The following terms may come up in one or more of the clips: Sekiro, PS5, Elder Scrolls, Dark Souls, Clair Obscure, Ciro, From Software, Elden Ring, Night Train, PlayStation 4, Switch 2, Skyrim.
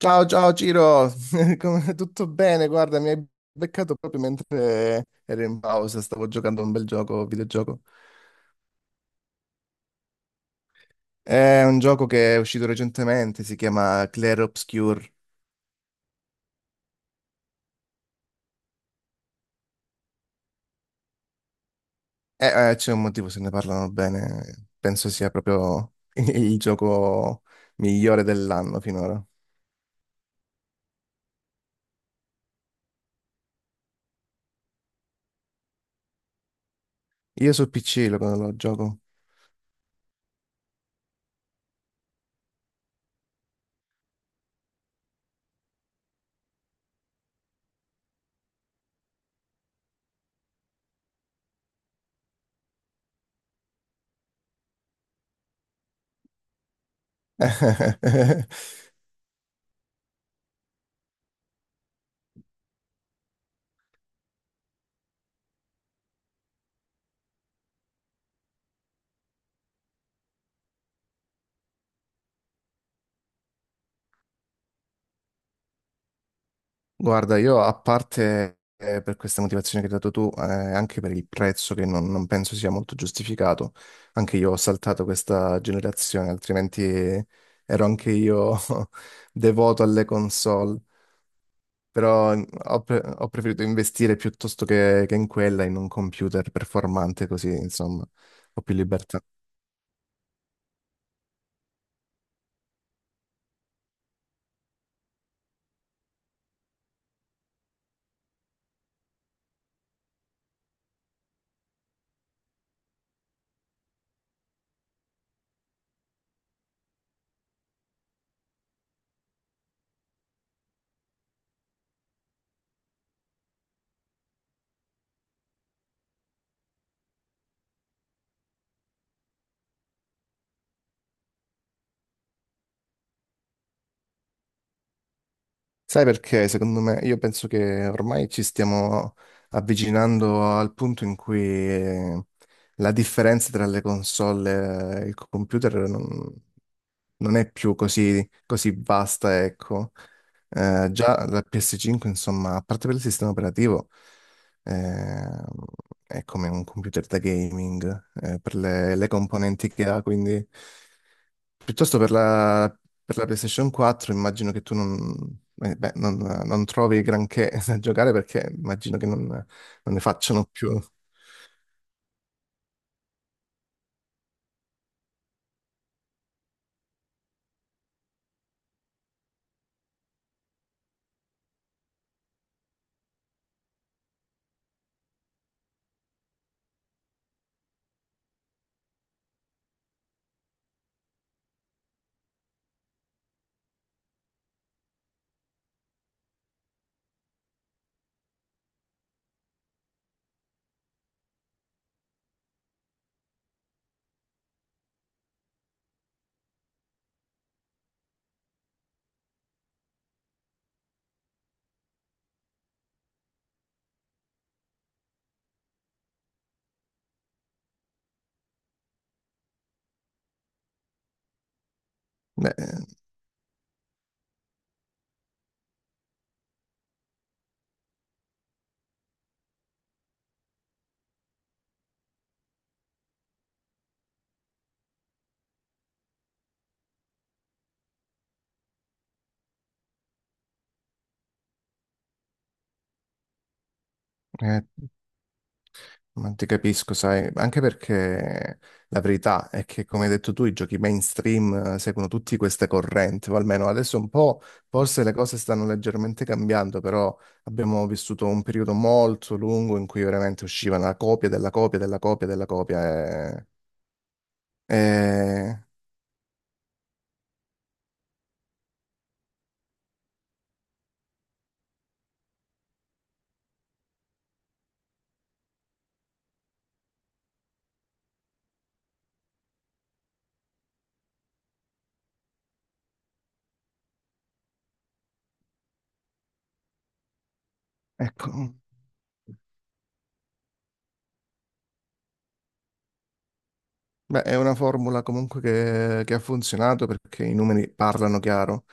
Ciao, ciao Ciro, tutto bene? Guarda, mi hai beccato proprio mentre ero in pausa, stavo giocando a un bel gioco, videogioco. È un gioco che è uscito recentemente, si chiama Clair Obscure. C'è un motivo se ne parlano bene, penso sia proprio il gioco migliore dell'anno finora. Io su PC lo gioco. Guarda, io a parte per questa motivazione che hai dato tu, anche per il prezzo che non penso sia molto giustificato, anche io ho saltato questa generazione, altrimenti ero anche io devoto alle console, però ho preferito investire piuttosto che in quella, in un computer performante, così insomma ho più libertà. Sai perché? Secondo me, io penso che ormai ci stiamo avvicinando al punto in cui la differenza tra le console e il computer non è più così vasta, ecco. Già la PS5, insomma, a parte per il sistema operativo, eh, è come un computer da gaming, per le componenti che ha, quindi piuttosto per la PlayStation 4 immagino che tu non, beh, non trovi granché da giocare perché immagino che non ne facciano più. Beh, eh, ma ti capisco, sai, anche perché la verità è che, come hai detto tu, i giochi mainstream seguono tutte queste correnti, o almeno adesso un po', forse le cose stanno leggermente cambiando, però abbiamo vissuto un periodo molto lungo in cui veramente usciva una copia della copia della copia della copia e- ecco, beh, è una formula comunque che ha funzionato perché i numeri parlano chiaro.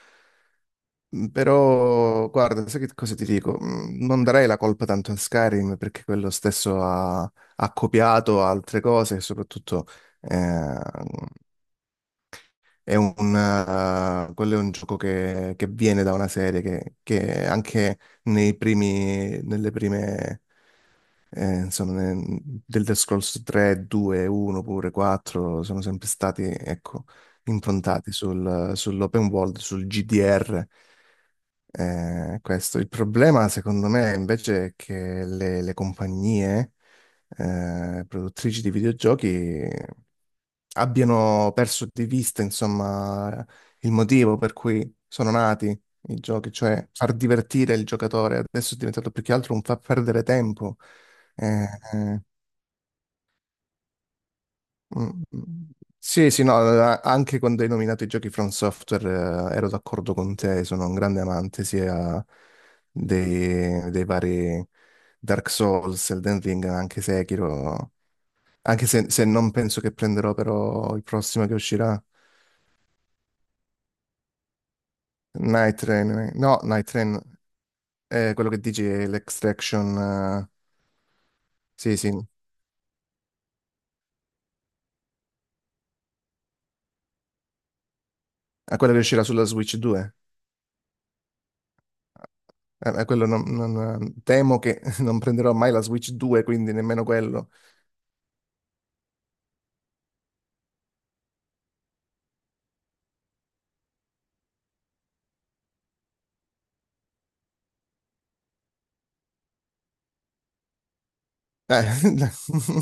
Però, guarda, sai che cosa ti dico? Non darei la colpa tanto a Skyrim perché quello stesso ha copiato altre cose e soprattutto eh, è un, quello è un gioco che viene da una serie che anche nelle prime, insomma, Elder Scrolls 3, 2, 1, pure 4 sono sempre stati, ecco, improntati sull'open world, sul GDR. Questo. Il problema, secondo me, invece, è che le compagnie produttrici di videogiochi abbiano perso di vista, insomma, il motivo per cui sono nati i giochi, cioè far divertire il giocatore. Adesso è diventato più che altro un far perdere tempo. Eh, eh, Mm, mm. Sì, sì, no, anche quando hai nominato i giochi From Software, ero d'accordo con te, sono un grande amante sia dei vari Dark Souls, Elden Ring, anche Sekiro, anche se non penso che prenderò però il prossimo che uscirà, Night Train, no, Night Train, è quello che dici è l'Extraction, sì, sì, è quello che uscirà sulla Switch 2. Quello non- non- Temo che non prenderò mai la Switch 2, quindi nemmeno quello. Eh,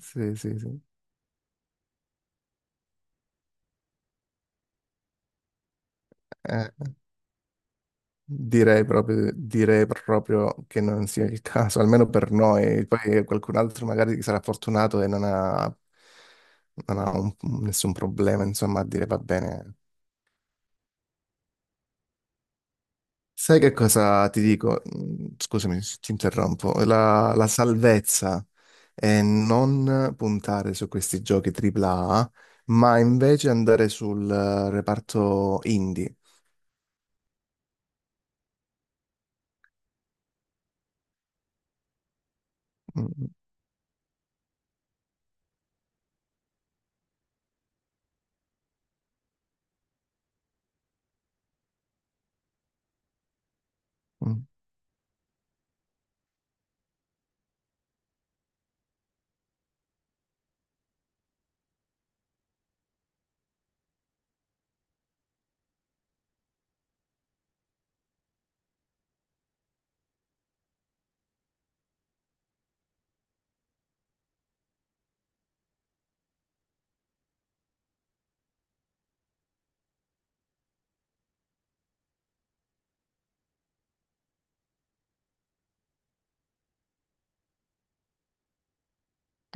Sì, sì, sì. Eh, Direi proprio, direi proprio che non sia il caso, almeno per noi. Poi qualcun altro magari sarà fortunato e non ha nessun problema, insomma, a dire va bene. Sai che cosa ti dico? Scusami, se ti interrompo. La salvezza è non puntare su questi giochi AAA, ma invece andare sul reparto indie. Mm, mm.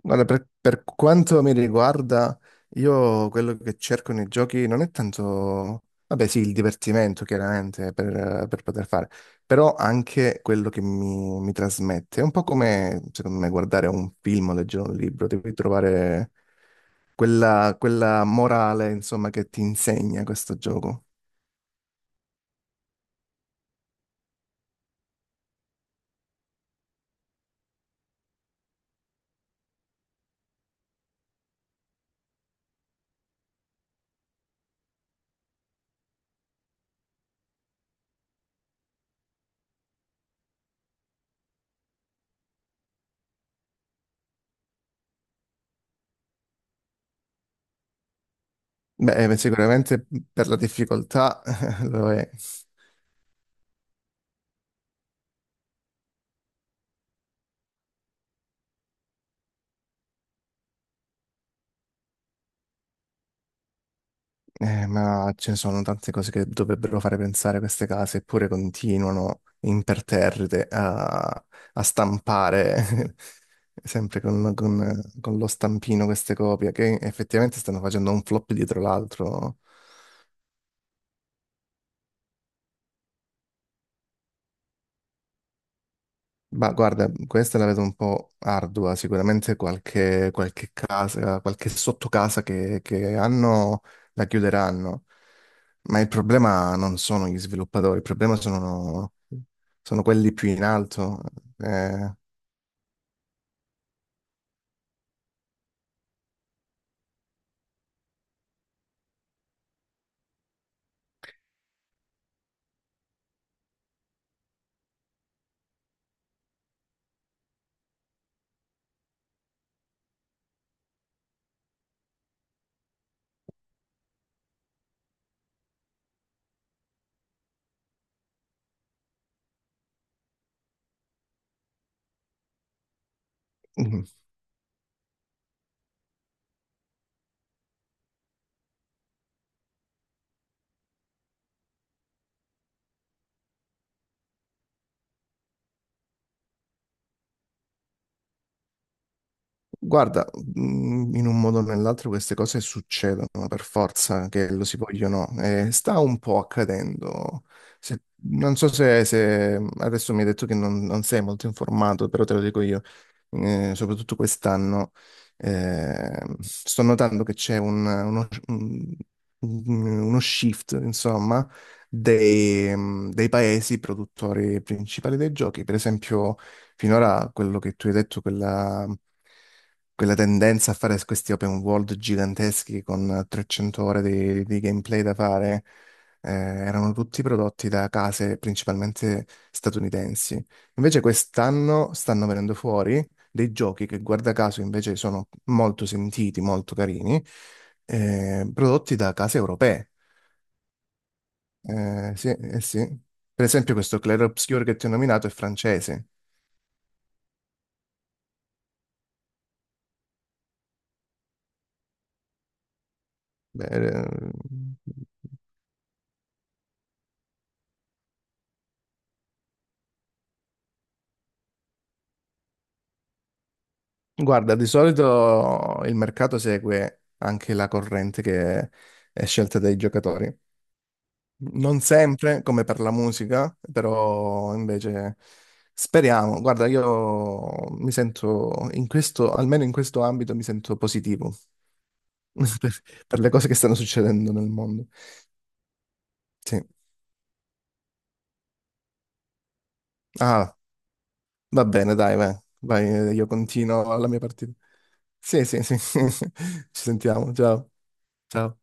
Guarda, per quanto mi riguarda, io quello che cerco nei giochi non è tanto, vabbè sì, il divertimento chiaramente per poter fare, però anche quello che mi trasmette. È un po' come, secondo me, guardare un film o leggere un libro, devi trovare quella morale, insomma, che ti insegna questo gioco. Beh, sicuramente per la difficoltà lo è. Ma ce ne sono tante cose che dovrebbero fare pensare queste case, eppure continuano imperterrite a stampare sempre con lo stampino queste copie, che effettivamente stanno facendo un flop dietro l'altro. Ma guarda, questa la vedo un po' ardua, sicuramente qualche casa, qualche sottocasa che hanno la chiuderanno. Ma il problema non sono gli sviluppatori, il problema sono quelli più in alto. eh. Guarda, in un modo o nell'altro queste cose succedono per forza, che lo si vogliono, o no, e sta un po' accadendo. Non so adesso mi hai detto che non sei molto informato, però te lo dico io. Soprattutto quest'anno, sto notando che c'è un- uno shift, insomma, dei paesi produttori principali dei giochi. Per esempio, finora quello che tu hai detto, quella tendenza a fare questi open world giganteschi con 300 ore di gameplay da fare, erano tutti prodotti da case principalmente statunitensi. Invece quest'anno stanno venendo fuori dei giochi che, guarda caso, invece sono molto sentiti, molto carini, prodotti da case europee. Sì, eh sì. Per esempio questo Clair Obscur che ti ho nominato è francese. Beh, guarda, di solito il mercato segue anche la corrente che è scelta dai giocatori. Non sempre, come per la musica, però invece speriamo. Guarda, io mi sento in questo, almeno in questo ambito, mi sento positivo per, per le cose che stanno succedendo nel mondo. Sì. Ah, va bene, dai, vai, vai, io continuo la mia partita. Sì, sì, sì. Ci sentiamo, ciao. Ciao.